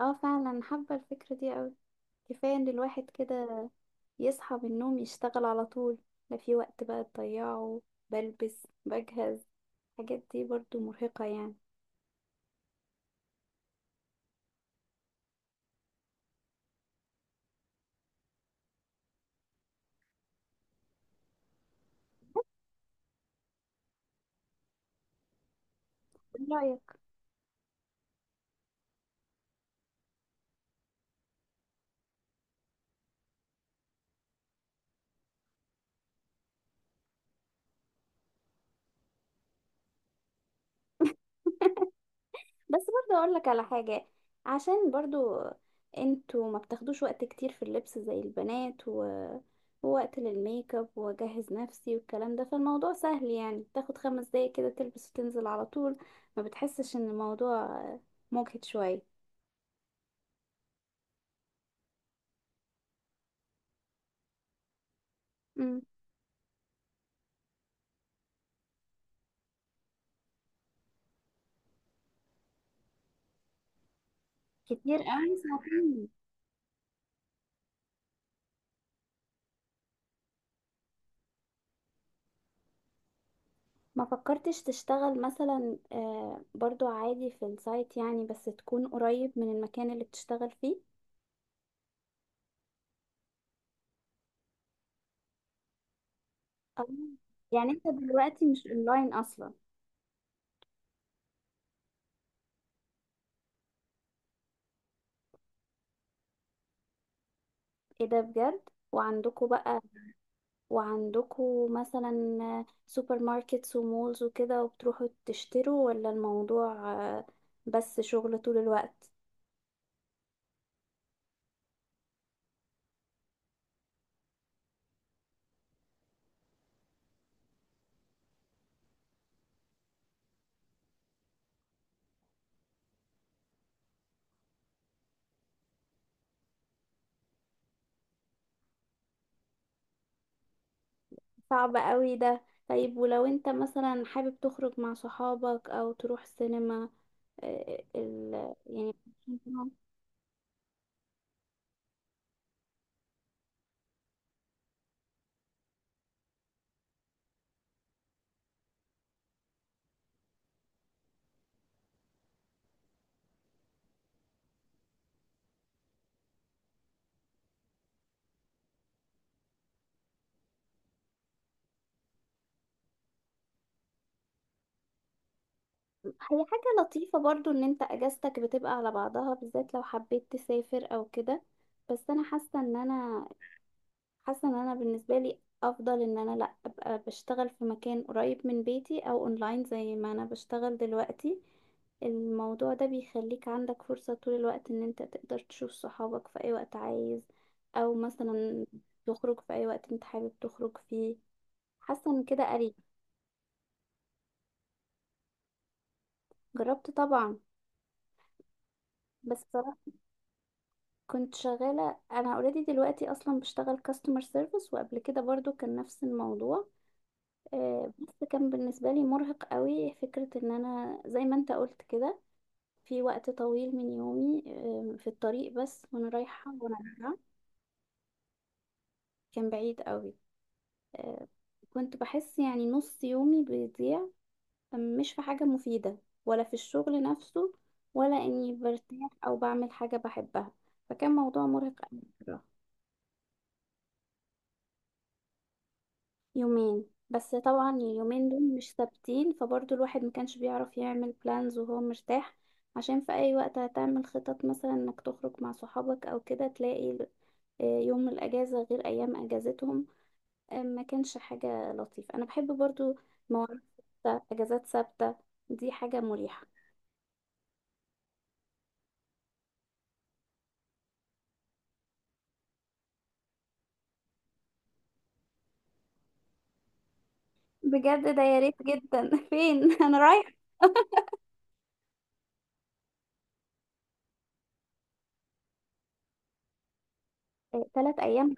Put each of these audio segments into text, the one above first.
اه فعلا حابة الفكرة دي اوي. كفاية ان الواحد كده يصحى من النوم يشتغل على طول، لا في وقت بقى تضيعه، بلبس بجهز، الحاجات دي برضو مرهقة يعني. ايه رأيك؟ بس برضو اقول لك على حاجة، عشان برضو انتوا ما بتاخدوش وقت كتير في اللبس زي البنات ووقت للميك اب واجهز نفسي والكلام ده، فالموضوع سهل يعني، تاخد 5 دقايق كده تلبس وتنزل على طول، ما بتحسش ان الموضوع مجهد شوية؟ كتير قوي ساعتين. ما فكرتش تشتغل مثلا برضو عادي في السايت يعني، بس تكون قريب من المكان اللي بتشتغل فيه؟ أو يعني انت دلوقتي مش اونلاين اصلا؟ ايه ده بجد! وعندكوا بقى، وعندكوا مثلا سوبر ماركتس ومولز وكده وبتروحوا تشتروا، ولا الموضوع بس شغل طول الوقت؟ صعب قوي ده. طيب ولو انت مثلا حابب تخرج مع صحابك او تروح سينما يعني؟ هي حاجة لطيفة برضو ان انت اجازتك بتبقى على بعضها، بالذات لو حبيت تسافر او كده، بس انا حاسة ان انا حاسه ان انا بالنسبه لي افضل ان انا لا ابقى بشتغل في مكان قريب من بيتي او اونلاين زي ما انا بشتغل دلوقتي. الموضوع ده بيخليك عندك فرصه طول الوقت ان انت تقدر تشوف صحابك في اي وقت عايز، او مثلا تخرج في اي وقت انت حابب تخرج فيه، حاسه ان كده قريب. جربت طبعا. بس بصراحه كنت شغاله، انا اوريدي دلوقتي اصلا بشتغل كاستمر سيرفيس، وقبل كده برضو كان نفس الموضوع، بس كان بالنسبة لي مرهق قوي فكرة ان انا زي ما انت قلت كده في وقت طويل من يومي في الطريق بس، وانا رايحة وانا راجعة. كان بعيد قوي. آه، كنت بحس يعني نص يومي بيضيع، مش في حاجة مفيدة، ولا في الشغل نفسه، ولا اني برتاح او بعمل حاجة بحبها، فكان موضوع مرهق قوي. يومين بس، طبعا اليومين دول مش ثابتين، فبرضه الواحد ما كانش بيعرف يعمل بلانز وهو مرتاح، عشان في اي وقت هتعمل خطط مثلا انك تخرج مع صحابك او كده تلاقي يوم الاجازة غير ايام اجازتهم. ما كانش حاجة لطيفة، انا بحب برضه مواعيد ثابتة، اجازات ثابتة، دي حاجة مريحة. بجد؟ ده يا ريت جدا. فين انا رايح؟ 3 ايام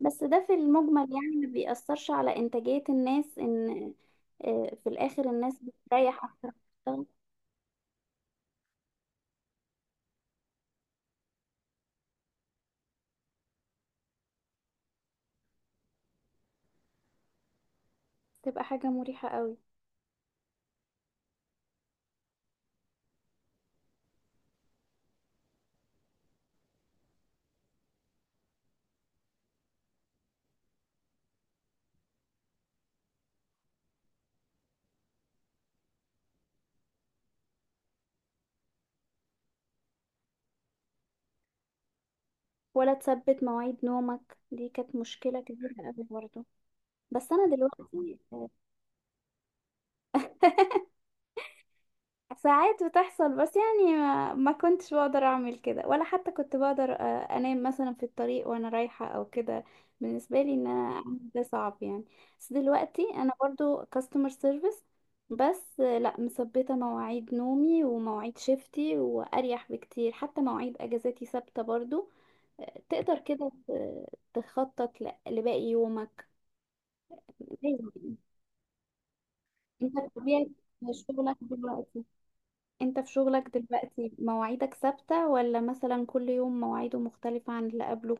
بس، ده في المجمل يعني ما بيأثرش على إنتاجية الناس، إن في الآخر الناس بتريح أكتر ما بتشتغل. تبقى حاجة مريحة قوي. ولا تثبت مواعيد نومك، دي كانت مشكلة كبيرة قوي برضه، بس أنا دلوقتي... ساعات بتحصل، بس يعني ما كنتش بقدر اعمل كده، ولا حتى كنت بقدر انام مثلا في الطريق وانا رايحة او كده، بالنسبة لي ان انا اعمل ده صعب يعني. بس دلوقتي انا برضو كاستمر سيرفيس، بس لا، مثبتة مواعيد نومي ومواعيد شيفتي، واريح بكتير، حتى مواعيد اجازاتي ثابتة برضو، تقدر كده تخطط لباقي يومك. لازم. انت بطبيعة شغلك دلوقتي، انت في شغلك دلوقتي مواعيدك ثابتة ولا مثلا كل يوم مواعيده مختلفة عن اللي قبله؟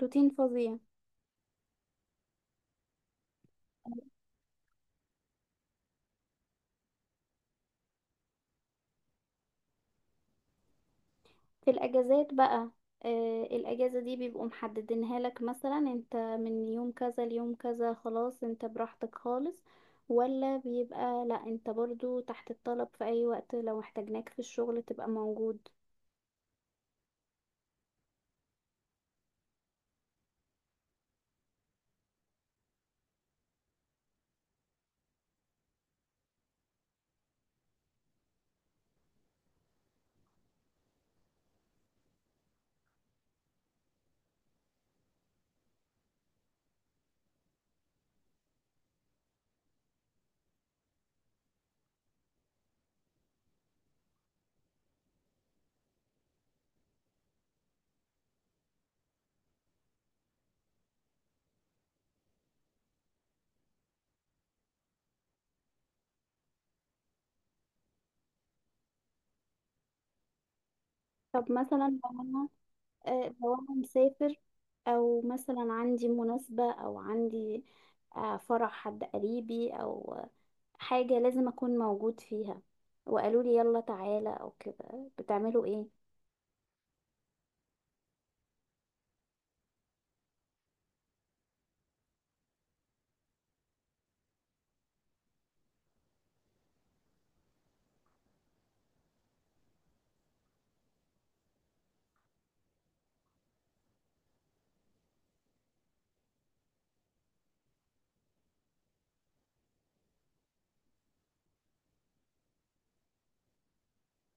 روتين فظيع. في الاجازات بقى، آه الاجازة دي بيبقوا محددينها لك، مثلا انت من يوم كذا ليوم كذا خلاص انت براحتك خالص، ولا بيبقى لا، انت برضو تحت الطلب في اي وقت، لو احتاجناك في الشغل تبقى موجود؟ طب مثلا لو انا مسافر، او مثلا عندي مناسبة، او عندي فرح حد قريبي، او حاجة لازم أكون موجود فيها، وقالوا لي يلا تعالى أو كده، بتعملوا إيه؟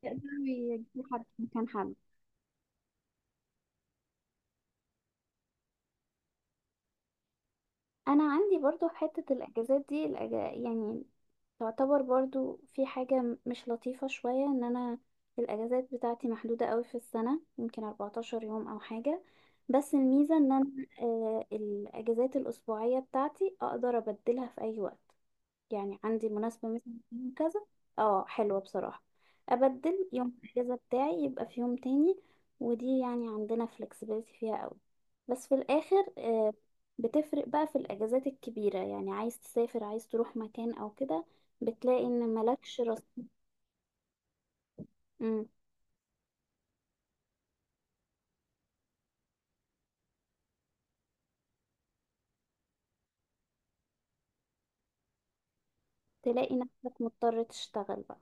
يقدروا يجيبوا حد مكان حد. أنا عندي برضو في حتة الأجازات دي يعني تعتبر برضو في حاجة مش لطيفة شوية، إن أنا الأجازات بتاعتي محدودة قوي في السنة، يمكن 14 يوم أو حاجة، بس الميزة إن أنا الأجازات الأسبوعية بتاعتي أقدر أبدلها في أي وقت، يعني عندي مناسبة مثلا يوم كذا. اه حلوة بصراحة. أبدل يوم الأجازة بتاعي يبقى في يوم تاني، ودي يعني عندنا flexibility فيها قوي، بس في الآخر بتفرق بقى في الأجازات الكبيرة، يعني عايز تسافر، عايز تروح مكان أو كده، بتلاقي إن ملكش رس. مم. تلاقي نفسك مضطر تشتغل بقى.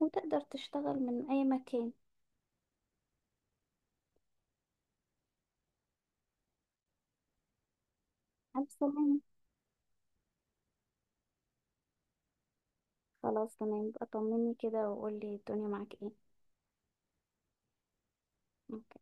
وتقدر تشتغل من أي مكان. ألف سلامة. خلاص تمام بقى، طمني كده وقولي الدنيا معاك ايه. أوكي.